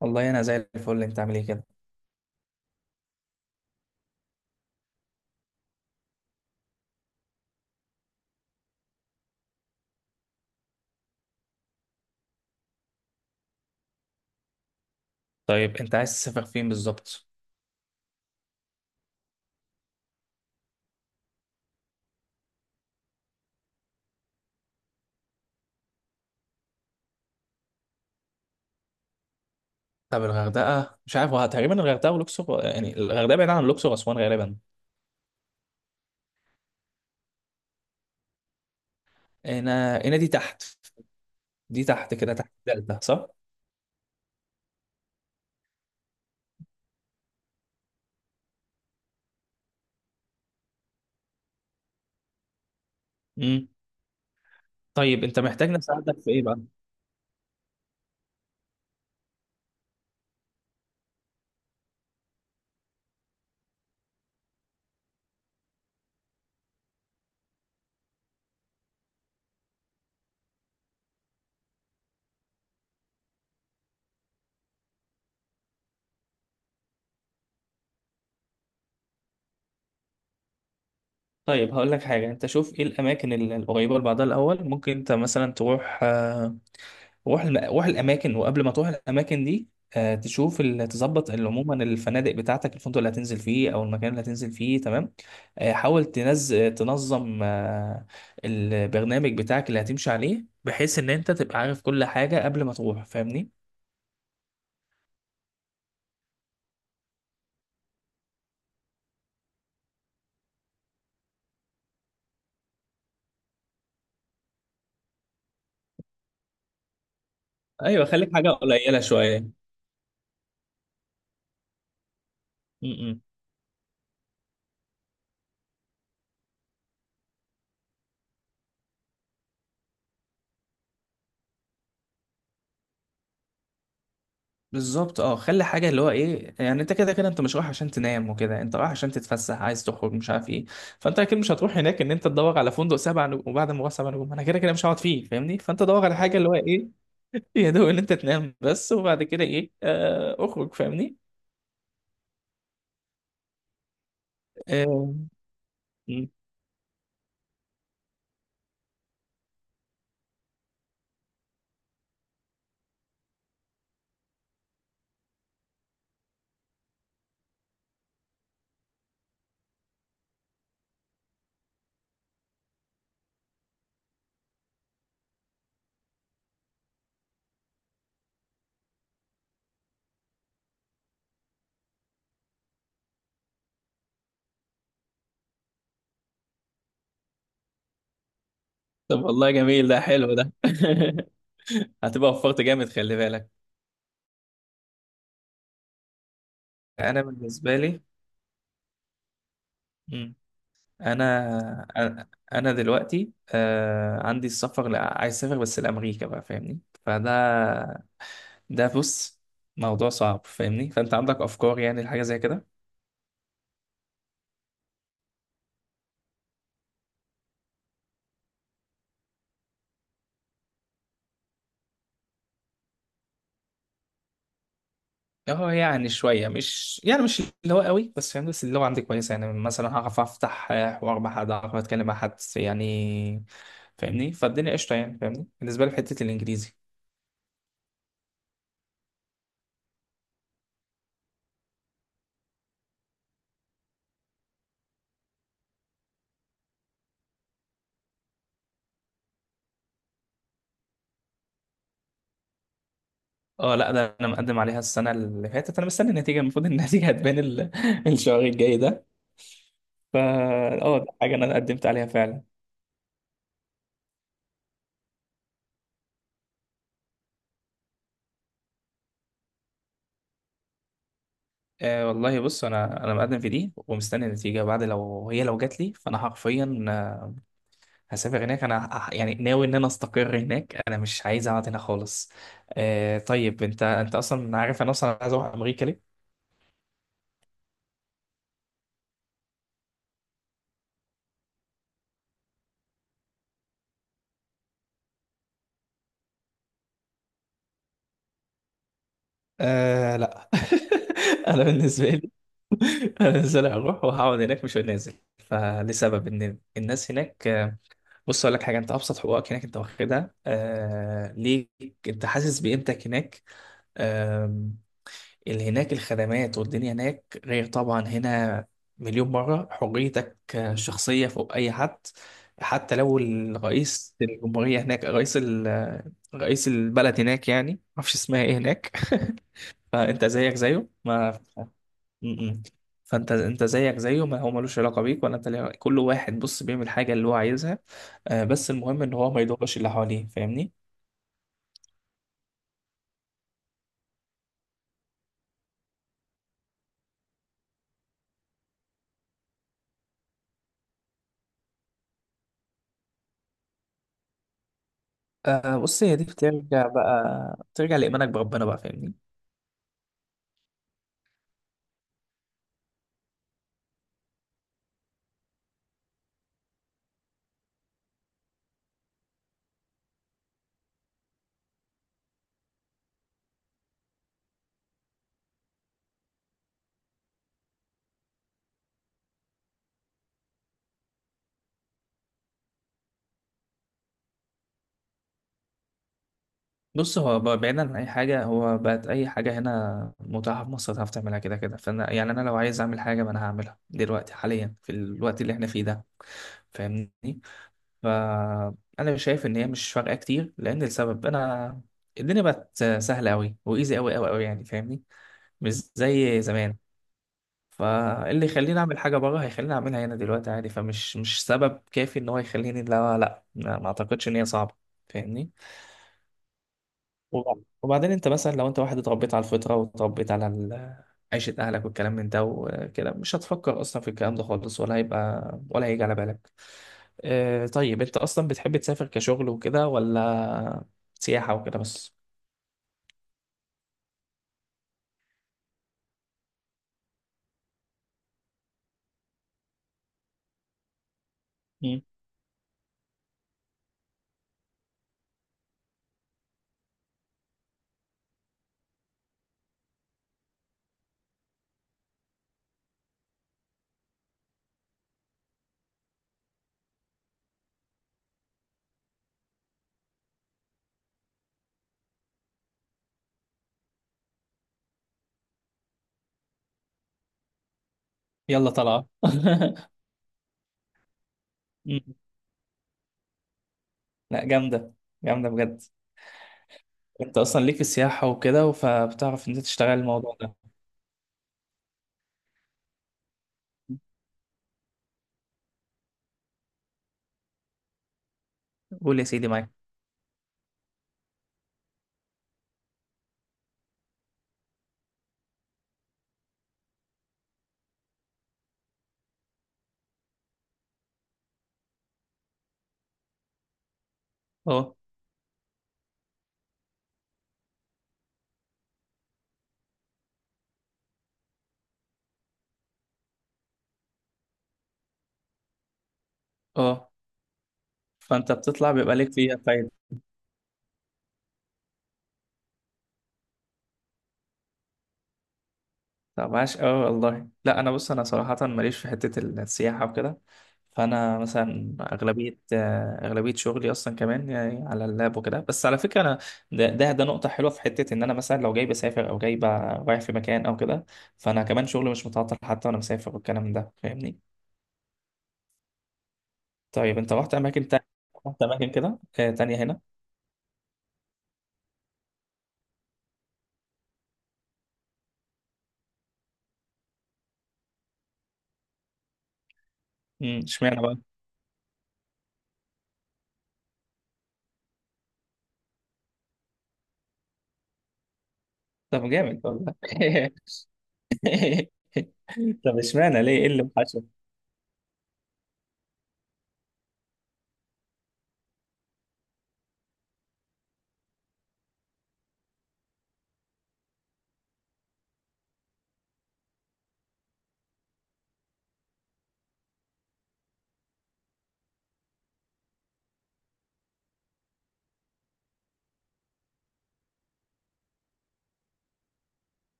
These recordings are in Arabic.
والله انا زي الفل، انت عامل ايه كده؟ طيب انت عايز تسافر فين بالظبط؟ طب الغردقه مش عارف، هو تقريبا الغردقه والاقصر، يعني الغردقه بعيده عن الاقصر واسوان غالبا. هنا هنا دي تحت. دي تحت كده تحت الدلتا صح؟ امم. طيب انت محتاج نساعدك في ايه بقى؟ طيب هقول لك حاجه، انت شوف ايه الاماكن القريبه لبعضها الاول، ممكن انت مثلا تروح روح الاماكن، وقبل ما تروح الاماكن دي تشوف تظبط عموما الفنادق بتاعتك، الفندق اللي هتنزل فيه او المكان اللي هتنزل فيه تمام. حاول تنظم البرنامج بتاعك اللي هتمشي عليه، بحيث ان انت تبقى عارف كل حاجة قبل ما تروح فاهمني؟ ايوه خليك حاجة قليلة شوية. م-م. بالظبط اه، خلي حاجه اللي هو ايه، يعني انت كده كده انت مش رايح عشان تنام وكده، انت رايح عشان تتفسح، عايز تخرج مش عارف ايه. فانت اكيد مش هتروح هناك ان انت تدور على فندق 7 نجوم، وبعد ما هو 7 نجوم انا كده كده مش هقعد فيه فاهمني؟ فانت دور على حاجه اللي هو ايه، يا دوب ان انت تنام بس، وبعد كده ايه اخرج فاهمني؟ آه. مم. طب والله جميل ده، حلو ده هتبقى وفرت جامد خلي بالك. انا بالنسبه لي، انا انا أنا دلوقتي عندي السفر، لا عايز اسافر بس لامريكا بقى فاهمني؟ ده بص، موضوع صعب فاهمني، فانت عندك افكار يعني لحاجه زي كده؟ اه يعني شويه، مش يعني مش اللي هو قوي بس فاهمني، بس اللي هو عندي كويسه، يعني مثلا هعرف افتح حوار مع حد، هعرف اتكلم مع حد يعني فاهمني، فالدنيا قشطه يعني فاهمني، بالنسبه لي في حته الانجليزي. اه، لا ده انا مقدم عليها السنه اللي فاتت، انا مستني النتيجه، المفروض إن النتيجه هتبان الشهر الجاي ده. فا اه، دي حاجة أنا قدمت عليها فعلا. والله بص، أنا مقدم في دي ومستني النتيجة بعد، لو هي لو جات لي فأنا حرفيا هسافر هناك، أنا يعني ناوي إن أنا أستقر هناك، أنا مش عايز أقعد هنا خالص. طيب، أنت أصلا عارف أنا أصلا عايز أروح أمريكا ليه؟ لا، أنا بالنسبة لي أنا بالنسبة لي هروح وهقعد هناك، مش نازل فلسبب إن الناس هناك بص أقول لك حاجة، أنت أبسط حقوقك هناك أنت واخدها ليك، أنت حاسس بقيمتك هناك. آم، اللي هناك الخدمات والدنيا هناك غير طبعا هنا مليون مرة، حريتك الشخصية فوق أي حد، حتى لو الرئيس الجمهورية هناك، رئيس رئيس البلد هناك يعني معرفش اسمها ايه هناك. فأنت زيك زيه ما. م- م. فأنت زيك زيه، ما هو ملوش علاقة بيك ولا أنت ليه علاقة- كل واحد بص بيعمل حاجة اللي هو عايزها، بس المهم إن هو ما يضرش اللي حواليه فاهمني؟ بص هي دي بترجع بقى ترجع لإيمانك بربنا بقى فاهمني. بص هو بعيدا عن اي حاجه، هو بقت اي حاجه هنا متاحه في مصر تعرف تعملها كده كده، فانا يعني انا لو عايز اعمل حاجه ما انا هعملها دلوقتي حاليا في الوقت اللي احنا فيه ده فاهمني. فانا شايف ان هي مش فارقه كتير، لان السبب انا الدنيا بقت سهله قوي وايزي قوي قوي قوي يعني فاهمني، مش زي زمان. فاللي يخليني اعمل حاجه بره هيخليني اعملها هنا دلوقتي عادي، فمش مش سبب كافي ان هو يخليني، لا لا، ما اعتقدش ان هي صعبه فاهمني. وبعدين انت مثلا لو انت واحد اتربيت على الفطره واتربيت على عيشه اهلك والكلام من ده وكده، مش هتفكر اصلا في الكلام ده خالص، ولا هيبقى ولا هيجي على بالك. اه طيب، انت اصلا بتحب تسافر كشغل وكده ولا سياحه وكده بس؟ مم. يلا طلعه مم. لا جامده، جامده بجد. انت اصلا ليك في السياحه وكده، فبتعرف ان انت تشتغل الموضوع ده. قول يا سيدي معاك. اه اه. فانت بتطلع بيبقى ليك فيها فايده. طب عاش، اه والله. لا انا بص، انا صراحه ماليش في حته السياحه وكده. فانا مثلا اغلبيه شغلي اصلا كمان يعني على اللاب وكده، بس على فكره انا ده نقطه حلوه في حته، ان انا مثلا لو جاي بسافر او جاي رايح في مكان او كده، فانا كمان شغلي مش متعطل حتى وانا مسافر والكلام ده فاهمني. طيب انت رحت اماكن تانية؟ رحت اماكن كده تانية هنا؟ اشمعنى بقى؟ طب جامد والله طب اشمعنى ليه، ايه اللي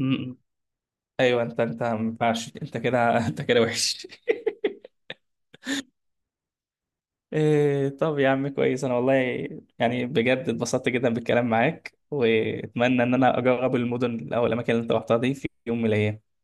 وحشك؟ ايوه انت ما ينفعش انت كده انت كده وحش إيه طب يا عم، كويس. انا والله يعني بجد اتبسطت جدا بالكلام معاك، واتمنى ان انا اجرب المدن او الاماكن اللي انت رحتها دي في يوم من الايام.